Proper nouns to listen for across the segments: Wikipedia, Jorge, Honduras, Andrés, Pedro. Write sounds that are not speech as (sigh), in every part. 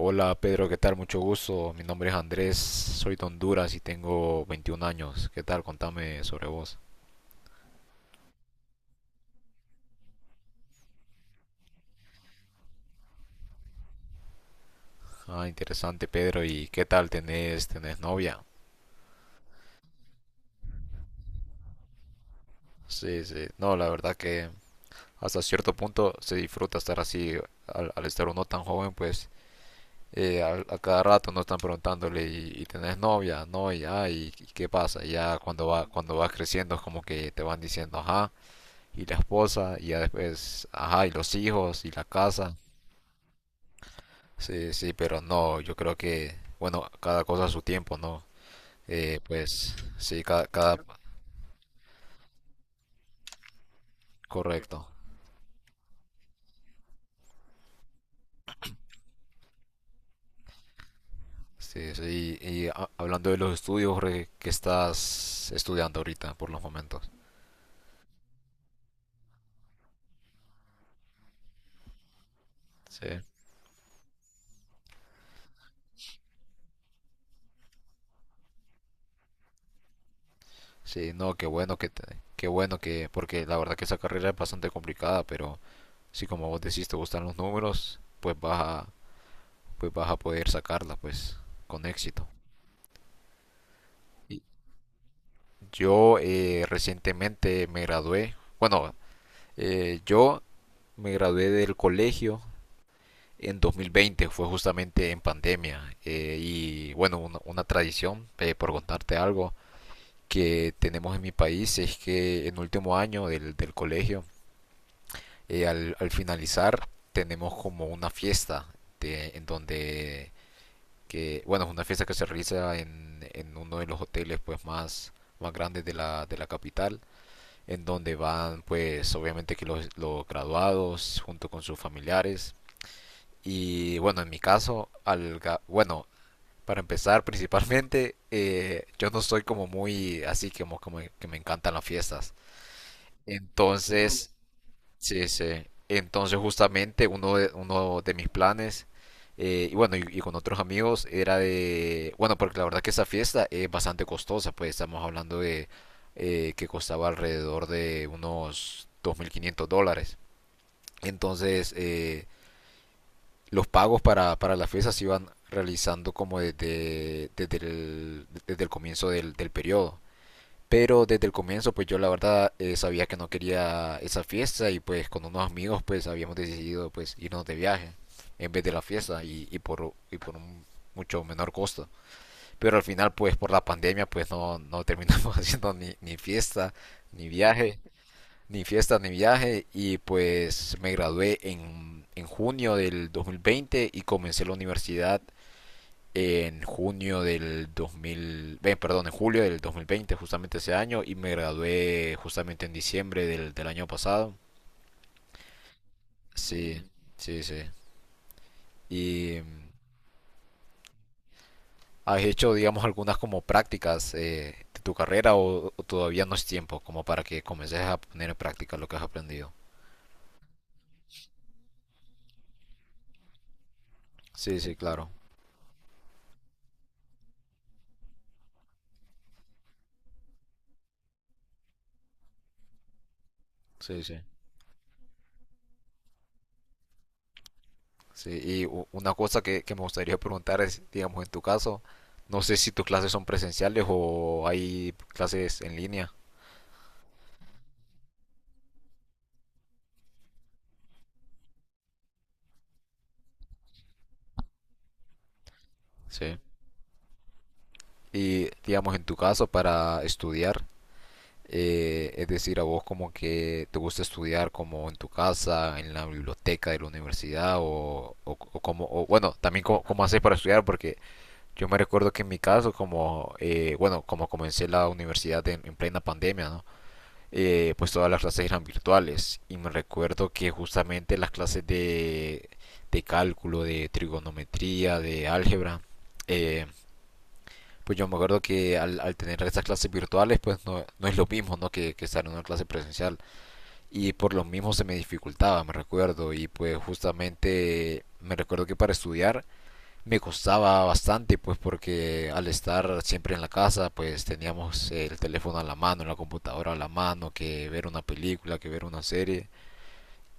Hola Pedro, ¿qué tal? Mucho gusto. Mi nombre es Andrés, soy de Honduras y tengo 21 años. ¿Qué tal? Contame sobre vos. Ah, interesante Pedro. ¿Y qué tal? ¿Tenés novia? Sí, sí. No, la verdad que hasta cierto punto se disfruta estar así. Al estar uno tan joven, pues cada rato nos están preguntándole y tenés novia, no, y, ah, y qué pasa. Y ya cuando vas creciendo es como que te van diciendo, ajá, y la esposa, y ya después, ajá, y los hijos, y la casa. Sí, sí, pero no, yo creo que, bueno, cada cosa a su tiempo, ¿no? Pues sí, correcto. Sí, sí, y, hablando de los estudios, Jorge, ¿qué estás estudiando ahorita por los momentos? Sí, sí, no, qué bueno que, porque la verdad que esa carrera es bastante complicada, pero si como vos decís te gustan los números, pues pues vas a poder sacarla, pues, con éxito. Y Yo Recientemente me gradué, bueno, yo me gradué del colegio en 2020, fue justamente en pandemia. Y bueno, una tradición, por contarte algo, que tenemos en mi país es que en último año del colegio, al finalizar, tenemos como una fiesta en donde, que, bueno, es una fiesta que se realiza en uno de los hoteles pues más, más grandes de la capital, en donde van pues obviamente que los graduados junto con sus familiares. Y bueno, en mi caso, bueno, para empezar, (laughs) principalmente, yo no soy como muy así como, como que me encantan las fiestas. Entonces, sí, sí. Entonces, justamente, uno de mis planes, y bueno, y con otros amigos, era de, bueno, porque la verdad que esa fiesta es bastante costosa, pues estamos hablando de que costaba alrededor de unos $2,500. Entonces, los pagos para las fiestas se iban realizando como desde el comienzo del, del periodo. Pero desde el comienzo, pues yo la verdad sabía que no quería esa fiesta y pues con unos amigos pues habíamos decidido pues irnos de viaje en vez de la fiesta y, y por un mucho menor costo. Pero al final pues por la pandemia pues no, no terminamos (laughs) haciendo ni, ni fiesta ni viaje ni fiestas ni viajes y pues me gradué en junio del 2020 y comencé la universidad en junio del 2000, perdón, en julio del 2020, justamente ese año, y me gradué justamente en diciembre del, del año pasado. Sí, sí, sí. ¿Y has hecho, digamos, algunas como prácticas de tu carrera o todavía no es tiempo como para que comiences a poner en práctica lo que has aprendido? Sí, sí, claro. Sí, sí. Sí, y una cosa que me gustaría preguntar es, digamos, en tu caso, no sé si tus clases son presenciales o hay clases en línea. Sí. Y, digamos, en tu caso, para estudiar, es decir, a vos como que te gusta estudiar como en tu casa, en la biblioteca de la universidad o, bueno, también cómo, cómo haces para estudiar, porque yo me recuerdo que en mi caso, como, bueno, como comencé la universidad en plena pandemia, ¿no? Pues todas las clases eran virtuales y me recuerdo que justamente las clases de cálculo, de trigonometría, de álgebra, eh, pues yo me acuerdo que al tener estas clases virtuales pues no, no es lo mismo ¿no? Que estar en una clase presencial y por lo mismo se me dificultaba, me recuerdo y pues justamente me recuerdo que para estudiar me costaba bastante, pues porque al estar siempre en la casa, pues teníamos el teléfono a la mano, la computadora a la mano, que ver una película, que ver una serie.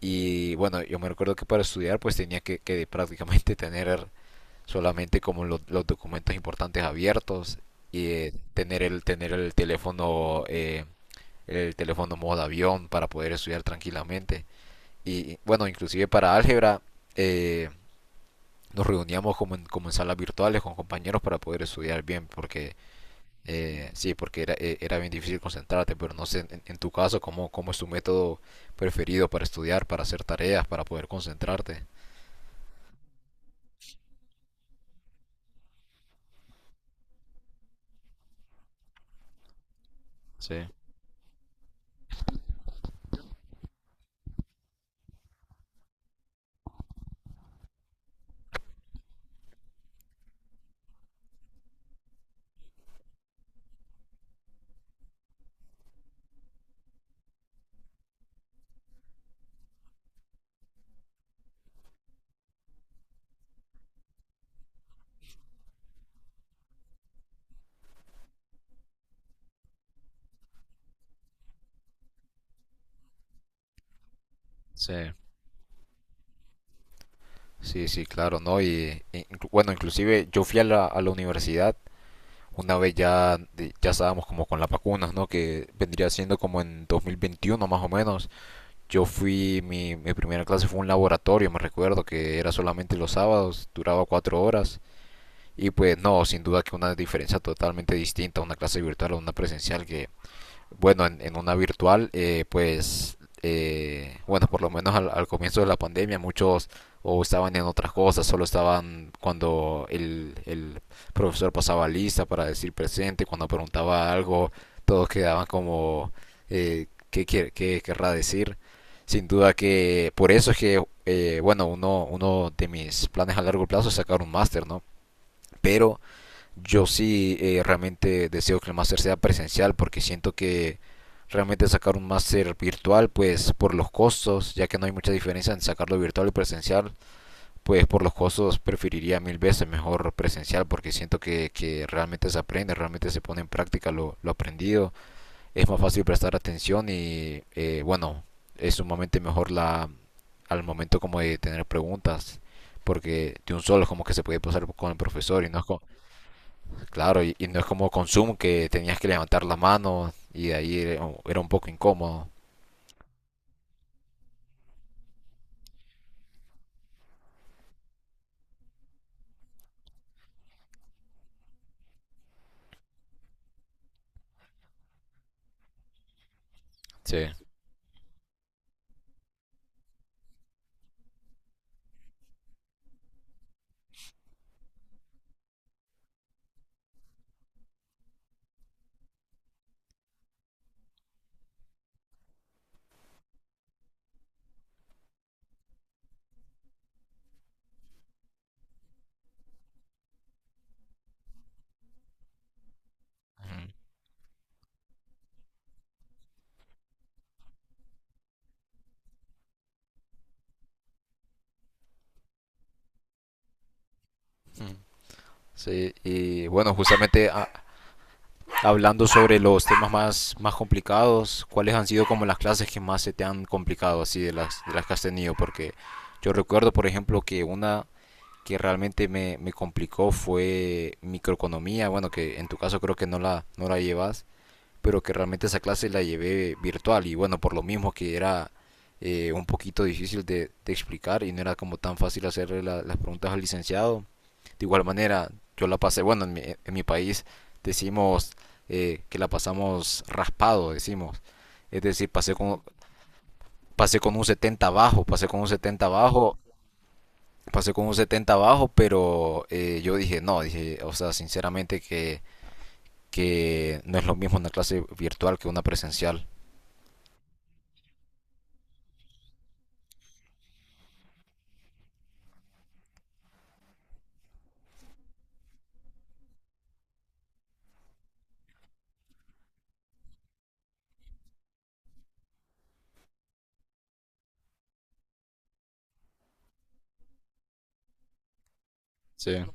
Y bueno, yo me recuerdo que para estudiar, pues que prácticamente (laughs) tener solamente como los documentos importantes abiertos y tener el teléfono modo avión para poder estudiar tranquilamente y bueno inclusive para álgebra eh, nos reuníamos como en salas virtuales con compañeros para poder estudiar bien, porque sí, porque era bien difícil concentrarte, pero no sé en tu caso cómo, cómo es tu método preferido para estudiar, para hacer tareas, para poder concentrarte. Sí, sí. Sí, sí, claro, ¿no? Y, bueno, inclusive yo fui a la universidad una vez ya, ya estábamos como con las vacunas, ¿no? Que vendría siendo como en 2021 más o menos. Yo fui, mi primera clase fue un laboratorio, me recuerdo que era solamente los sábados, duraba 4 horas. Y pues no, sin duda que una diferencia totalmente distinta a una clase virtual o una presencial que bueno, en una virtual, bueno, por lo menos al comienzo de la pandemia, muchos o estaban en otras cosas, solo estaban cuando el profesor pasaba lista para decir presente, cuando preguntaba algo, todos quedaban como, ¿ qué querrá decir? Sin duda que por eso es que, bueno, uno de mis planes a largo plazo es sacar un máster, ¿no? Pero yo sí realmente deseo que el máster sea presencial porque siento que realmente sacar un máster virtual, pues por los costos, ya que no hay mucha diferencia en sacarlo virtual y presencial, pues por los costos preferiría mil veces mejor presencial porque siento que realmente se aprende, realmente se pone en práctica lo aprendido, es más fácil prestar atención y bueno, es sumamente mejor la, al momento como de tener preguntas porque de un solo como que se puede pasar con el profesor y no es como, claro, y no es como con Zoom que tenías que levantar la mano y de ahí era un poco incómodo. Sí. Ujú. Ujú. Sí, y bueno, justamente hablando sobre los temas más, más complicados, ¿cuáles han sido como las clases que más se te han complicado así de las que has tenido? Porque yo recuerdo, por ejemplo, que una que realmente me, me complicó fue microeconomía, bueno, que en tu caso creo que no la, no la llevas, pero que realmente esa clase la llevé virtual y bueno, por lo mismo que era un poquito difícil de explicar y no era como tan fácil hacerle la, las preguntas al licenciado. De igual manera, yo la pasé, bueno, en mi país decimos que la pasamos raspado, decimos. Es decir, pasé con un 70 bajo, pasé con un 70 bajo, pasé con un 70 bajo, pero yo dije, no, dije, o sea, sinceramente que no es lo mismo una clase virtual que una presencial. Sí.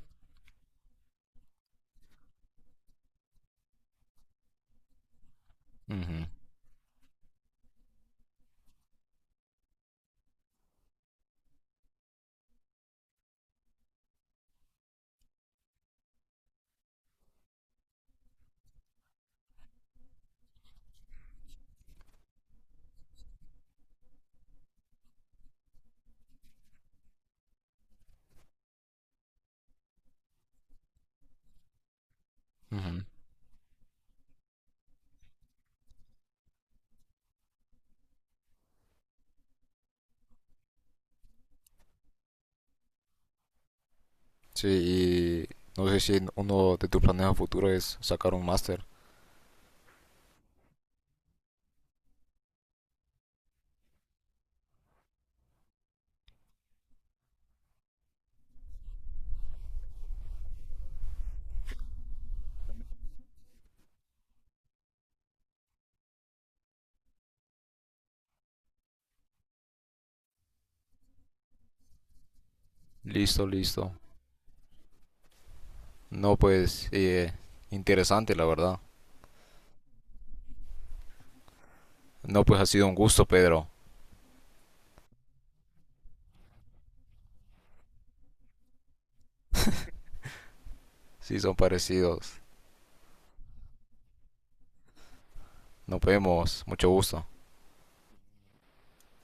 Ujú, ujú. Sí, y no sé si uno de tus planes a futuro es sacar un máster. Listo, listo. No, pues, interesante, la verdad. No, pues ha sido un gusto, Pedro. Sí, son parecidos. Nos vemos. Mucho gusto.